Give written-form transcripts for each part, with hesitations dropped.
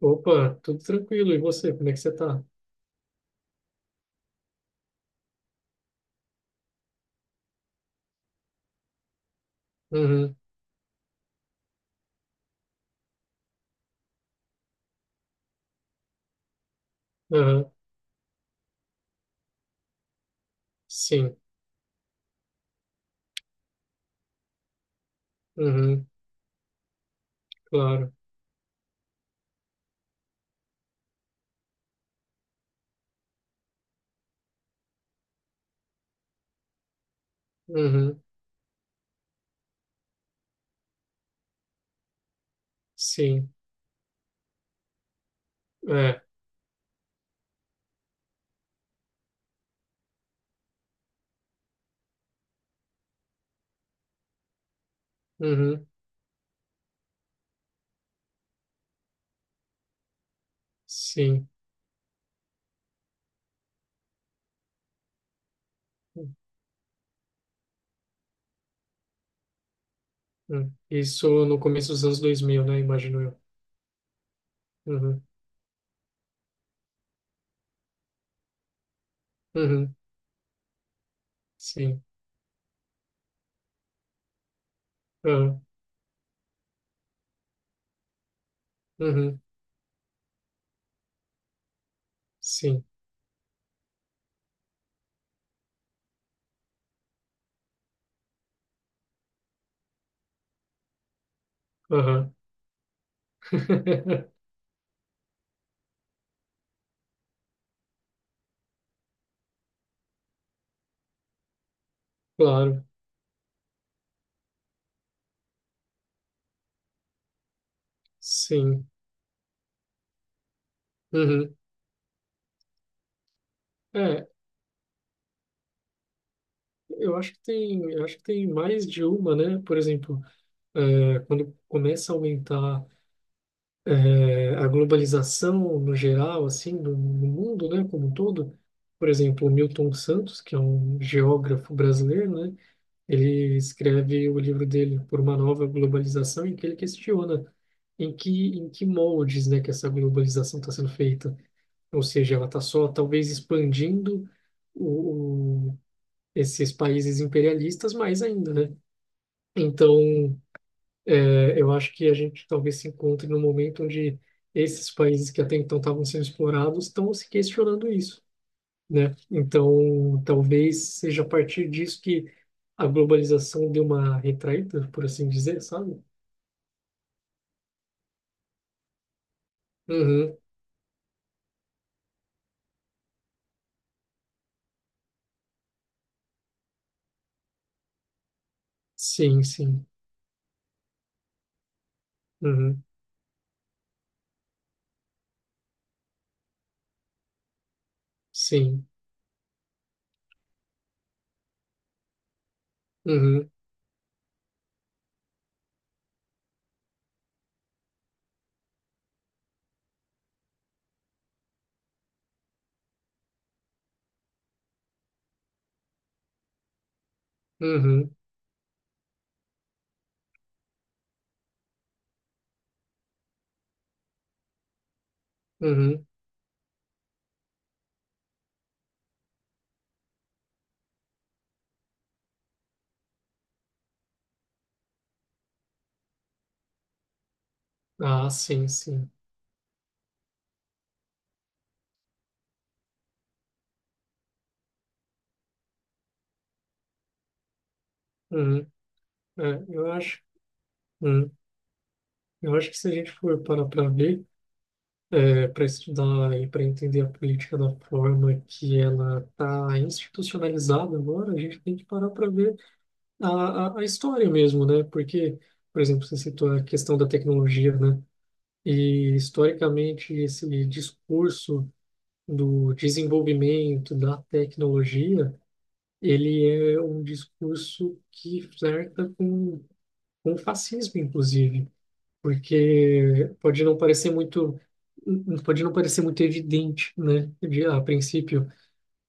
Opa, tudo tranquilo. E você, como é que você tá? Uhum. Uhum. Sim. Uhum. Claro. Uhum. Sim. É. Uhum. Sim. Uhum. Isso no começo dos anos 2000, né? Imagino eu. Uhum. Uhum. Sim. Uhum. Uhum. Sim. Uhum. Claro, sim. Uhum. É, eu acho que tem mais de uma, né? Por exemplo, quando começa a aumentar, a globalização no geral, assim, no mundo, né, como um todo. Por exemplo, o Milton Santos, que é um geógrafo brasileiro, né, ele escreve o livro dele Por uma Nova Globalização, em que ele questiona em que moldes, né, que essa globalização está sendo feita. Ou seja, ela está só talvez expandindo o, o- esses países imperialistas mais ainda, né? Então, eu acho que a gente talvez se encontre num momento onde esses países que até então estavam sendo explorados estão se questionando isso, né? Então, talvez seja a partir disso que a globalização deu uma retraída, por assim dizer, sabe? Uhum. Sim, sim. Uhum. Sim. Uhum. Uhum. Uhum. Ah, sim, sim. Uhum. É, eu acho. Uhum. Eu acho que se a gente for parar para ver, para estudar e para entender a política da forma que ela está institucionalizada agora, a gente tem que parar para ver a história mesmo, né? Porque, por exemplo, você citou a questão da tecnologia, né? E historicamente esse discurso do desenvolvimento da tecnologia, ele é um discurso que flerta com o fascismo, inclusive porque pode não parecer muito evidente, né, a princípio,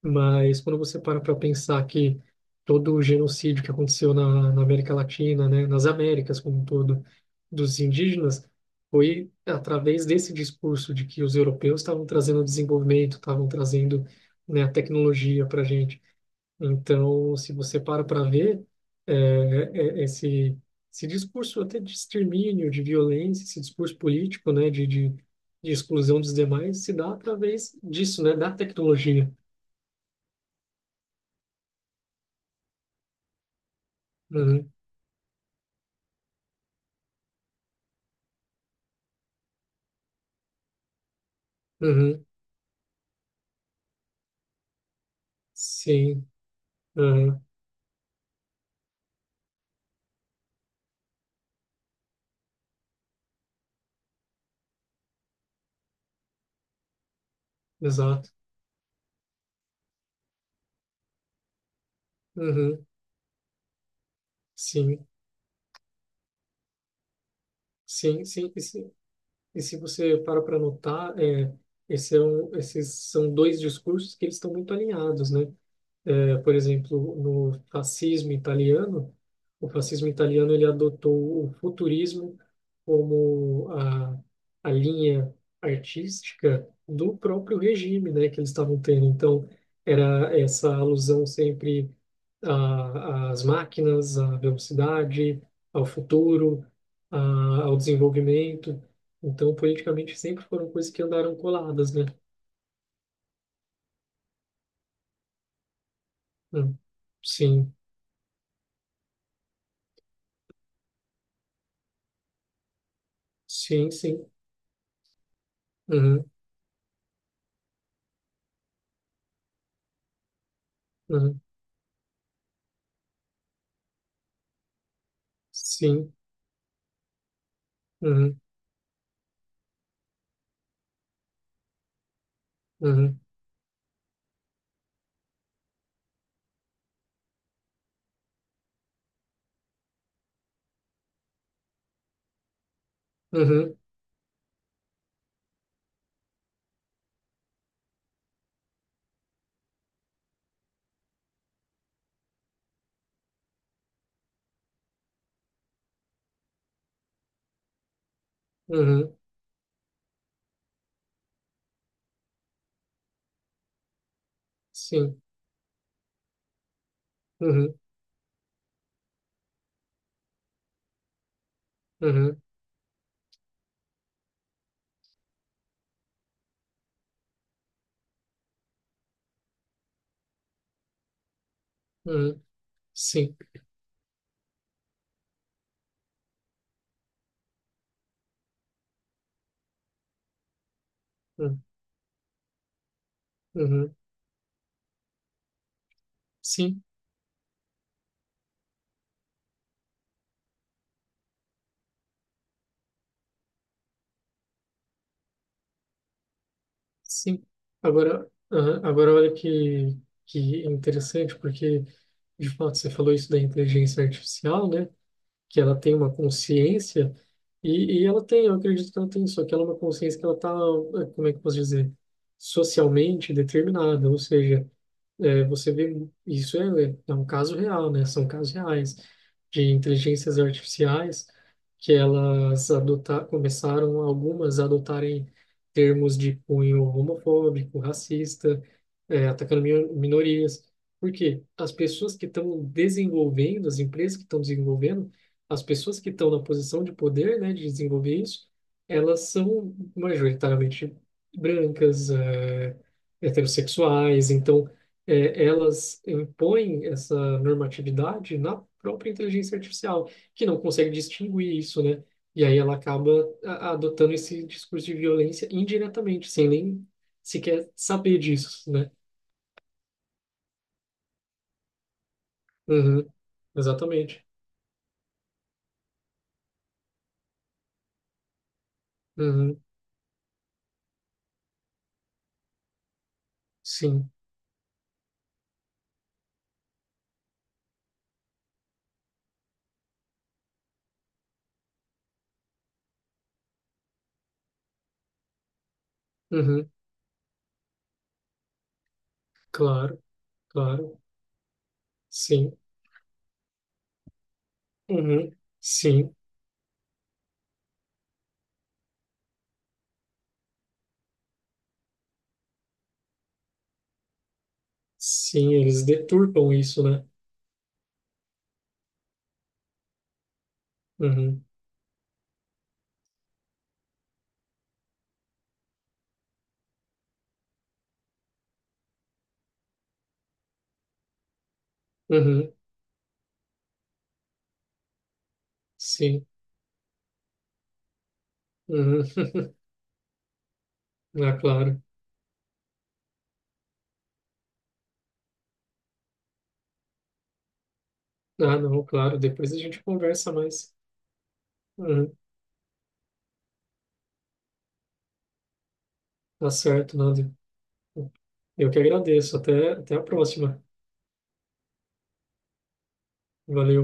mas quando você para para pensar que todo o genocídio que aconteceu na América Latina, né, nas Américas como um todo, dos indígenas, foi através desse discurso de que os europeus estavam trazendo desenvolvimento, estavam trazendo, né, a tecnologia para a gente. Então, se você para para ver, é, é, esse, esse discurso até de extermínio, de violência, esse discurso político, né, de exclusão dos demais, se dá através disso, né, da tecnologia. Uhum. Uhum. Sim. Uhum. Exato. Uhum. Sim, sim, sim. E se você para para notar, esses são dois discursos que eles estão muito alinhados, né? Por exemplo, no fascismo italiano, o fascismo italiano ele adotou o futurismo como a linha artística do próprio regime, né, que eles estavam tendo. Então, era essa alusão sempre às máquinas, à velocidade, ao futuro, ao desenvolvimento. Então, politicamente sempre foram coisas que andaram coladas, né? Hum. Sim, sim, sim. Uhum. Uhum. Sim. Uhum. Uhum. Uhum. Uhum. Sim. Uhum. Uhum. Uhum. Sim. Uhum. Uhum. Sim, sim. Agora olha que interessante, porque de fato você falou isso da inteligência artificial, né? Que ela tem uma consciência, e eu acredito que ela tem, só que ela é uma consciência que ela está, como é que eu posso dizer, socialmente determinada, ou seja, É, você vê, isso é um caso real, né? São casos reais de inteligências artificiais que começaram algumas a adotarem termos de cunho homofóbico, racista, atacando minorias. Porque as pessoas que estão desenvolvendo, as empresas que estão desenvolvendo, as pessoas que estão na posição de poder, né, de desenvolver isso, elas são majoritariamente brancas, heterossexuais, então, elas impõem essa normatividade na própria inteligência artificial, que não consegue distinguir isso, né? E aí ela acaba adotando esse discurso de violência indiretamente, sem nem sequer saber disso, né? Uhum. Exatamente. Uhum. Sim. Uhum. Claro, claro. Sim. Uhum. Sim. Sim, eles deturpam isso, né? Uhum. Uhum. Sim. Uhum. Ah, claro. Ah, não, claro, depois a gente conversa mais. Uhum. Tá certo, Nando. Eu que agradeço. Até a próxima. Valeu.